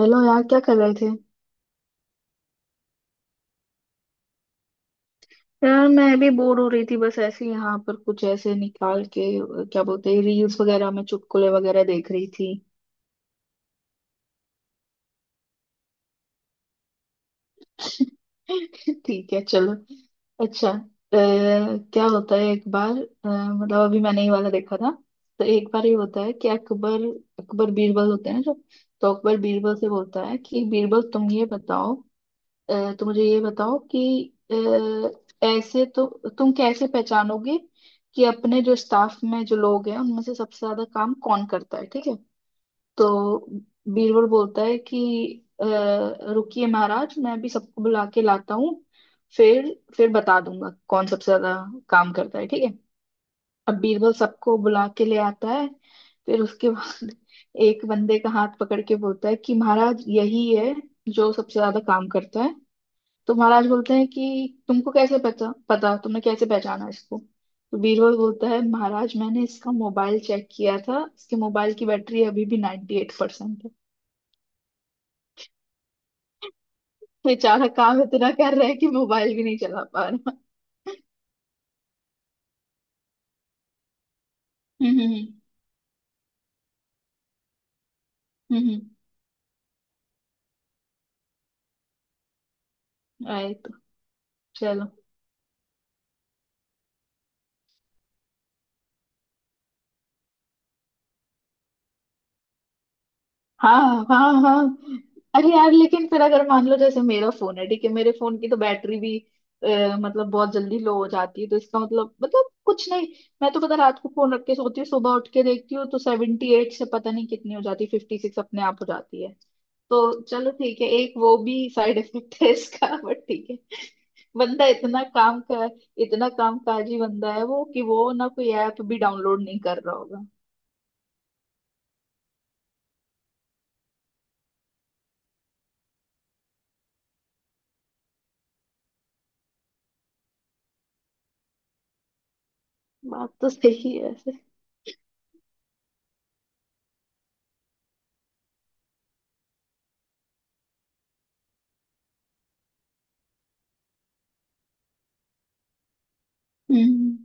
Hello यार, क्या कर रहे थे? यार, मैं भी बोर हो रही थी। बस ऐसे ही यहाँ पर कुछ ऐसे निकाल के क्या बोलते हैं, रील्स वगैरह में चुटकुले वगैरह देख रही थी। ठीक है, चलो। अच्छा, क्या होता है एक बार? मतलब अभी मैंने ये वाला देखा था। तो एक बार ये होता है कि अकबर अकबर बीरबल होते हैं जो। तो अकबर बीरबल से बोलता है कि बीरबल, तुम ये बताओ। अ, तो मुझे ये बताओ कि ऐसे तो तुम कैसे पहचानोगे कि अपने जो स्टाफ में जो लोग हैं उनमें से सबसे ज्यादा काम कौन करता है, ठीक है। तो बीरबल बोलता है कि अ, रुकिए महाराज, मैं भी सबको बुला के लाता हूँ। फिर बता दूंगा कौन सबसे ज्यादा काम करता है, ठीक है। अब बीरबल सबको बुला के ले आता है। फिर उसके बाद एक बंदे का हाथ पकड़ के बोलता है कि महाराज, यही है जो सबसे ज्यादा काम करता है। तो महाराज बोलते हैं कि तुमको कैसे पता पता तुमने कैसे पहचाना इसको? तो बीरबल बोलता है, महाराज, मैंने इसका मोबाइल चेक किया था, इसके मोबाइल की बैटरी अभी भी 98% 8% है। बेचारा काम इतना कर रहा है कि मोबाइल भी नहीं चला पा रहा। हम्म हम्म हम्म। राइट। चलो। हाँ हाँ हाँ। अरे यार, लेकिन फिर अगर मान लो जैसे मेरा फोन है, ठीक है, मेरे फोन की तो बैटरी भी मतलब बहुत जल्दी लो हो जाती है, तो इसका मतलब कुछ नहीं। मैं तो पता, रात को फोन रख के सोती हूँ, सुबह उठ के देखती हूँ तो 78 से पता नहीं कितनी हो जाती है, 56 अपने आप हो जाती है। तो चलो ठीक है, एक वो भी साइड इफेक्ट है इसका। बट ठीक है, बंदा इतना काम का, इतना काम काजी बंदा है वो कि वो ना कोई ऐप भी डाउनलोड नहीं कर रहा होगा। बात तो सही है वैसे। हम्म।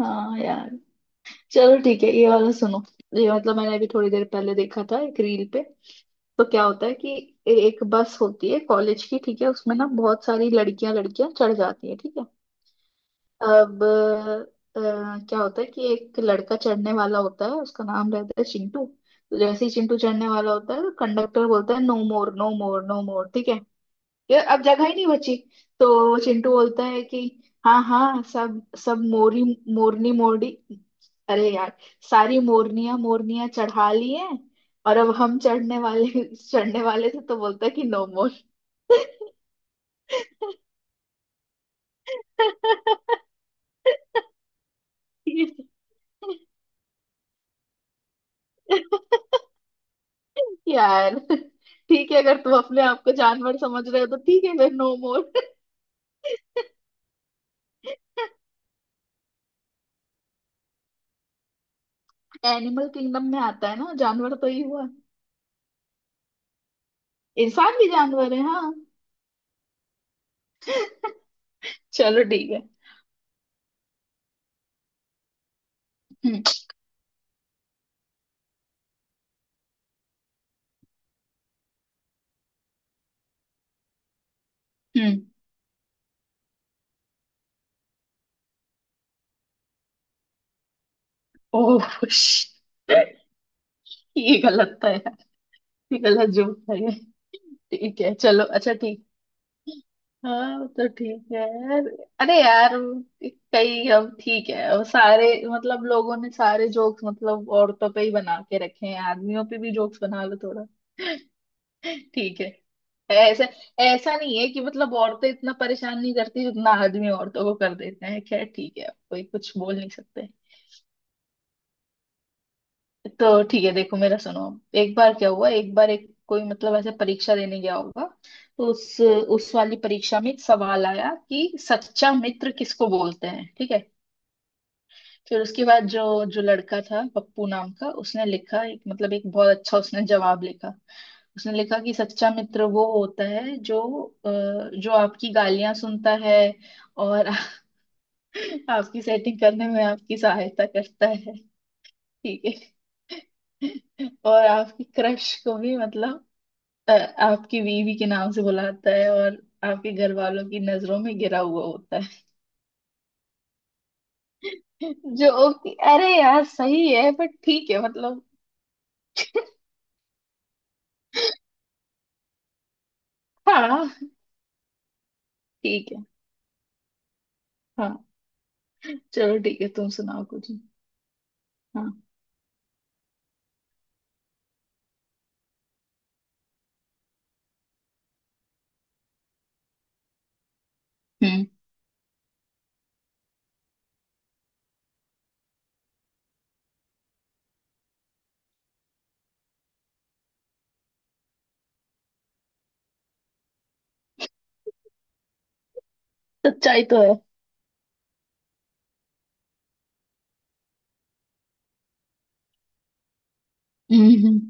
हाँ यार। चलो ठीक है, ये वाला सुनो। ये मतलब मैंने अभी थोड़ी देर पहले देखा था एक रील पे। तो क्या होता है कि एक बस होती है कॉलेज की, ठीक है, उसमें ना बहुत सारी लड़कियां लड़कियां चढ़ जाती है, ठीक है। अब क्या होता है कि एक लड़का चढ़ने वाला होता है, उसका नाम रहता है चिंटू। तो जैसे ही चिंटू चढ़ने वाला होता है, तो कंडक्टर बोलता है, no more, no more, no more, ठीक है। यार, अब जगह ही नहीं बची। तो चिंटू बोलता है कि हाँ हाँ सब, सब मोरी, मोरनी मोरनी। अरे यार, सारी मोरनियां मोरनियां चढ़ा ली हैं। और अब हम चढ़ने वाले थे, तो बोलता है कि नो मोर। यार ठीक है, अगर तुम अपने आप को जानवर समझ रहे हो तो ठीक है, फिर नो मोर। एनिमल किंगडम में आता है ना, जानवर तो ही हुआ। इंसान भी जानवर है, हाँ। चलो ठीक है। हम्म हम्म। ओह ये गलत था यार, ये गलत जोक था ये। ठीक है, चलो, अच्छा ठीक। हाँ तो ठीक है यार। अरे यार, कई अब ठीक है, अब सारे मतलब लोगों ने सारे जोक्स मतलब औरतों पे ही बना के रखे हैं, आदमियों पे भी जोक्स बना लो थोड़ा। ठीक है। ऐसा, ऐसा नहीं है कि मतलब औरतें इतना परेशान नहीं करती जितना आदमी औरतों को कर देते हैं, खैर ठीक है, अब कोई कुछ बोल नहीं सकते। तो ठीक है, देखो मेरा सुनो अब। एक बार क्या हुआ, एक बार एक कोई मतलब ऐसे परीक्षा देने गया होगा। तो उस वाली परीक्षा में एक सवाल आया कि सच्चा मित्र किसको बोलते हैं, ठीक है। फिर उसके बाद जो जो लड़का था पप्पू नाम का, उसने लिखा एक मतलब एक बहुत अच्छा उसने जवाब लिखा। उसने लिखा कि सच्चा मित्र वो होता है जो अ, जो आपकी गालियां सुनता है और आपकी सेटिंग करने में आपकी सहायता करता है, ठीक है। और आपकी क्रश को भी मतलब आपकी बीवी के नाम से बुलाता है और आपके घर वालों की नजरों में गिरा हुआ होता है। अरे यार सही है, बट ठीक है मतलब। हाँ ठीक है। हाँ, चलो ठीक है, तुम सुनाओ कुछ। हाँ। हम्म। सच्चाई तो है। हम्म।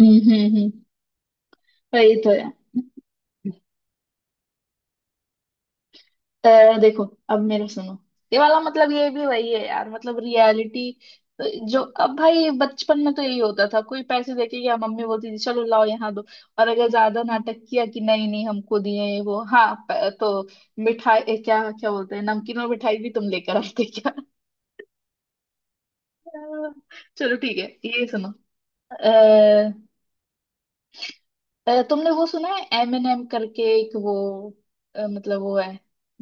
हम्म। वही तो है। देखो, अब मेरा सुनो। ये वाला मतलब ये भी वही है यार, मतलब रियलिटी। तो जो अब भाई बचपन में तो यही होता था, कोई पैसे देके या मम्मी बोलती थी चलो लाओ यहाँ दो। और अगर ज्यादा नाटक किया कि नहीं नहीं हमको दिए ये वो, हाँ तो मिठाई क्या क्या बोलते हैं, नमकीन और मिठाई भी तुम लेकर आते क्या? चलो ठीक है ये सुनो। अ, तुमने वो सुना है एम एन एम करके एक वो? मतलब वो है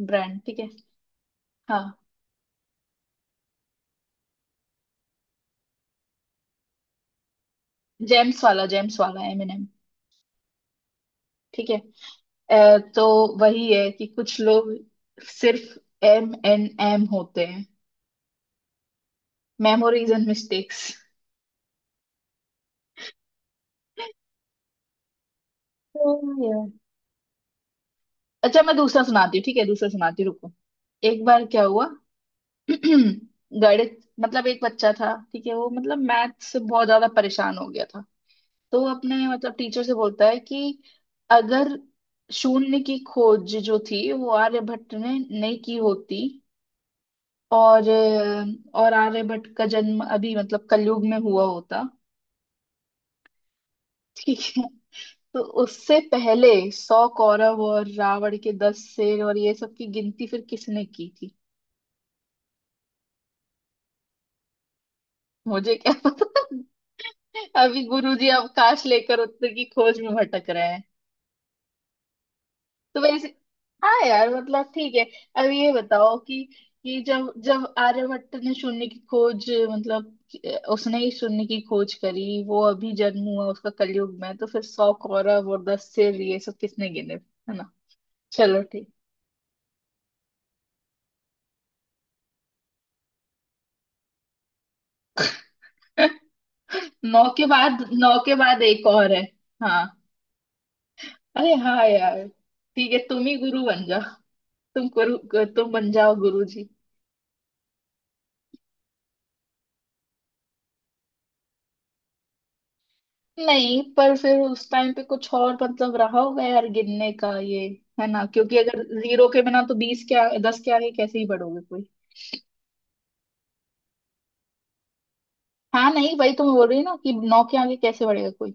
ब्रांड, ठीक है। हाँ। जेम्स वाला एम एन एम। ठीक है। तो वही है कि कुछ लोग सिर्फ एम एन एम होते हैं, मेमोरीज एंड मिस्टेक्स। अच्छा मैं दूसरा सुनाती हूँ, ठीक है, दूसरा सुनाती हूँ, रुको। एक बार क्या हुआ। गणित, मतलब एक बच्चा था, ठीक है, वो मतलब मैथ से बहुत ज्यादा परेशान हो गया था। तो वो अपने मतलब टीचर से बोलता है कि अगर शून्य की खोज जो थी वो आर्यभट्ट ने नहीं की होती और और आर्यभट्ट का जन्म अभी मतलब कलयुग में हुआ होता, ठीक है, तो उससे पहले 100 कौरव और रावण के 10 शेर और ये सब की गिनती फिर किसने की थी? मुझे क्या पता, अभी गुरुजी अवकाश लेकर उत्तर की खोज में भटक रहे हैं। तो वैसे, हाँ यार मतलब ठीक है। अब ये बताओ कि जब जब आर्यभट्ट ने शून्य की खोज मतलब उसने ही शून्य की खोज करी, वो अभी जन्म हुआ उसका कलयुग में, तो फिर 100 कौरव और 10 सिर ये सब किसने गिने, है ना? चलो ठीक। नौ के बाद एक और है। हाँ। अरे हाँ यार। ठीक है, तुम ही गुरु बन जाओ। तुम बन जाओ गुरु जी। नहीं, पर फिर उस टाइम पे कुछ और मतलब रहा होगा यार गिनने का ये, है ना? क्योंकि अगर 0 के बिना तो 20 के 10 के आगे कैसे ही बढ़ोगे कोई? हाँ नहीं, वही तो मैं बोल रही हूँ ना कि नौ के आगे कैसे बढ़ेगा कोई?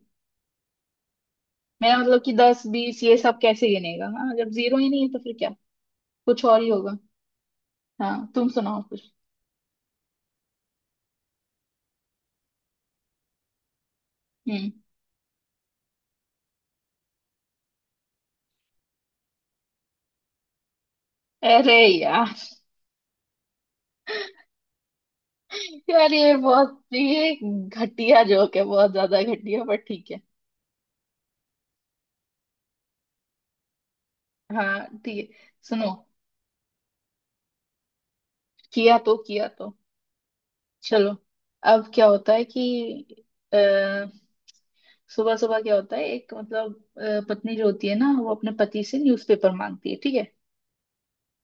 मेरा मतलब कि 10 20 ये सब कैसे गिनेगा, हाँ, जब 0 ही नहीं है तो फिर क्या? कुछ और ही होगा। हाँ, तुम सुनाओ कुछ। हम्म। अरे यार यार, ये बहुत ये घटिया जोक है, बहुत ज्यादा घटिया, पर ठीक है। हाँ ठीक है। सुनो, किया तो चलो। अब क्या होता है कि अ, सुबह सुबह क्या होता है, एक मतलब पत्नी जो होती है ना वो अपने पति से न्यूज़पेपर मांगती है, ठीक है।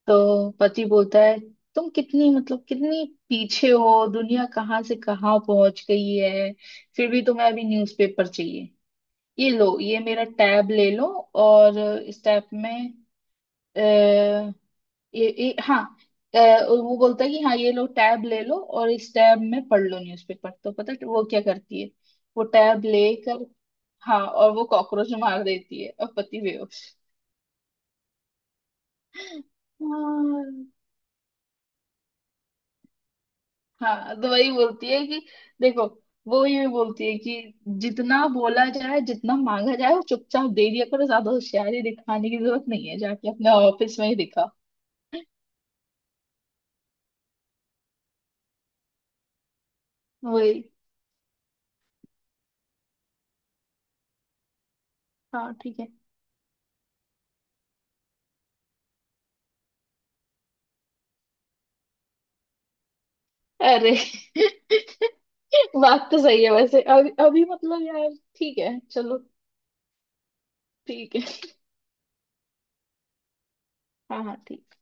तो पति बोलता है, तुम कितनी मतलब कितनी पीछे हो, दुनिया कहाँ से कहाँ पहुंच गई है, फिर भी तुम्हें अभी न्यूज़पेपर चाहिए? ये लो, ये मेरा टैब ले लो, और इस टैब में ये, हाँ अ, वो बोलता है कि हाँ ये लो टैब ले लो और इस टैब में पढ़ लो न्यूज़पेपर। तो पता है वो क्या करती है? वो टैब लेकर, हाँ, और वो कॉकरोच मार देती है और पति बेहोश। हाँ, हाँ, तो वही बोलती है कि देखो, वो ये बोलती है कि जितना बोला जाए जितना मांगा जाए वो चुपचाप दे दिया करो, ज्यादा होशियारी दिखाने की जरूरत नहीं है, जाके अपने ऑफिस में ही दिखा। वही। हाँ ठीक है। अरे बात तो सही है वैसे, अभी अभी मतलब यार। ठीक है चलो। ठीक है, हाँ हाँ ठीक।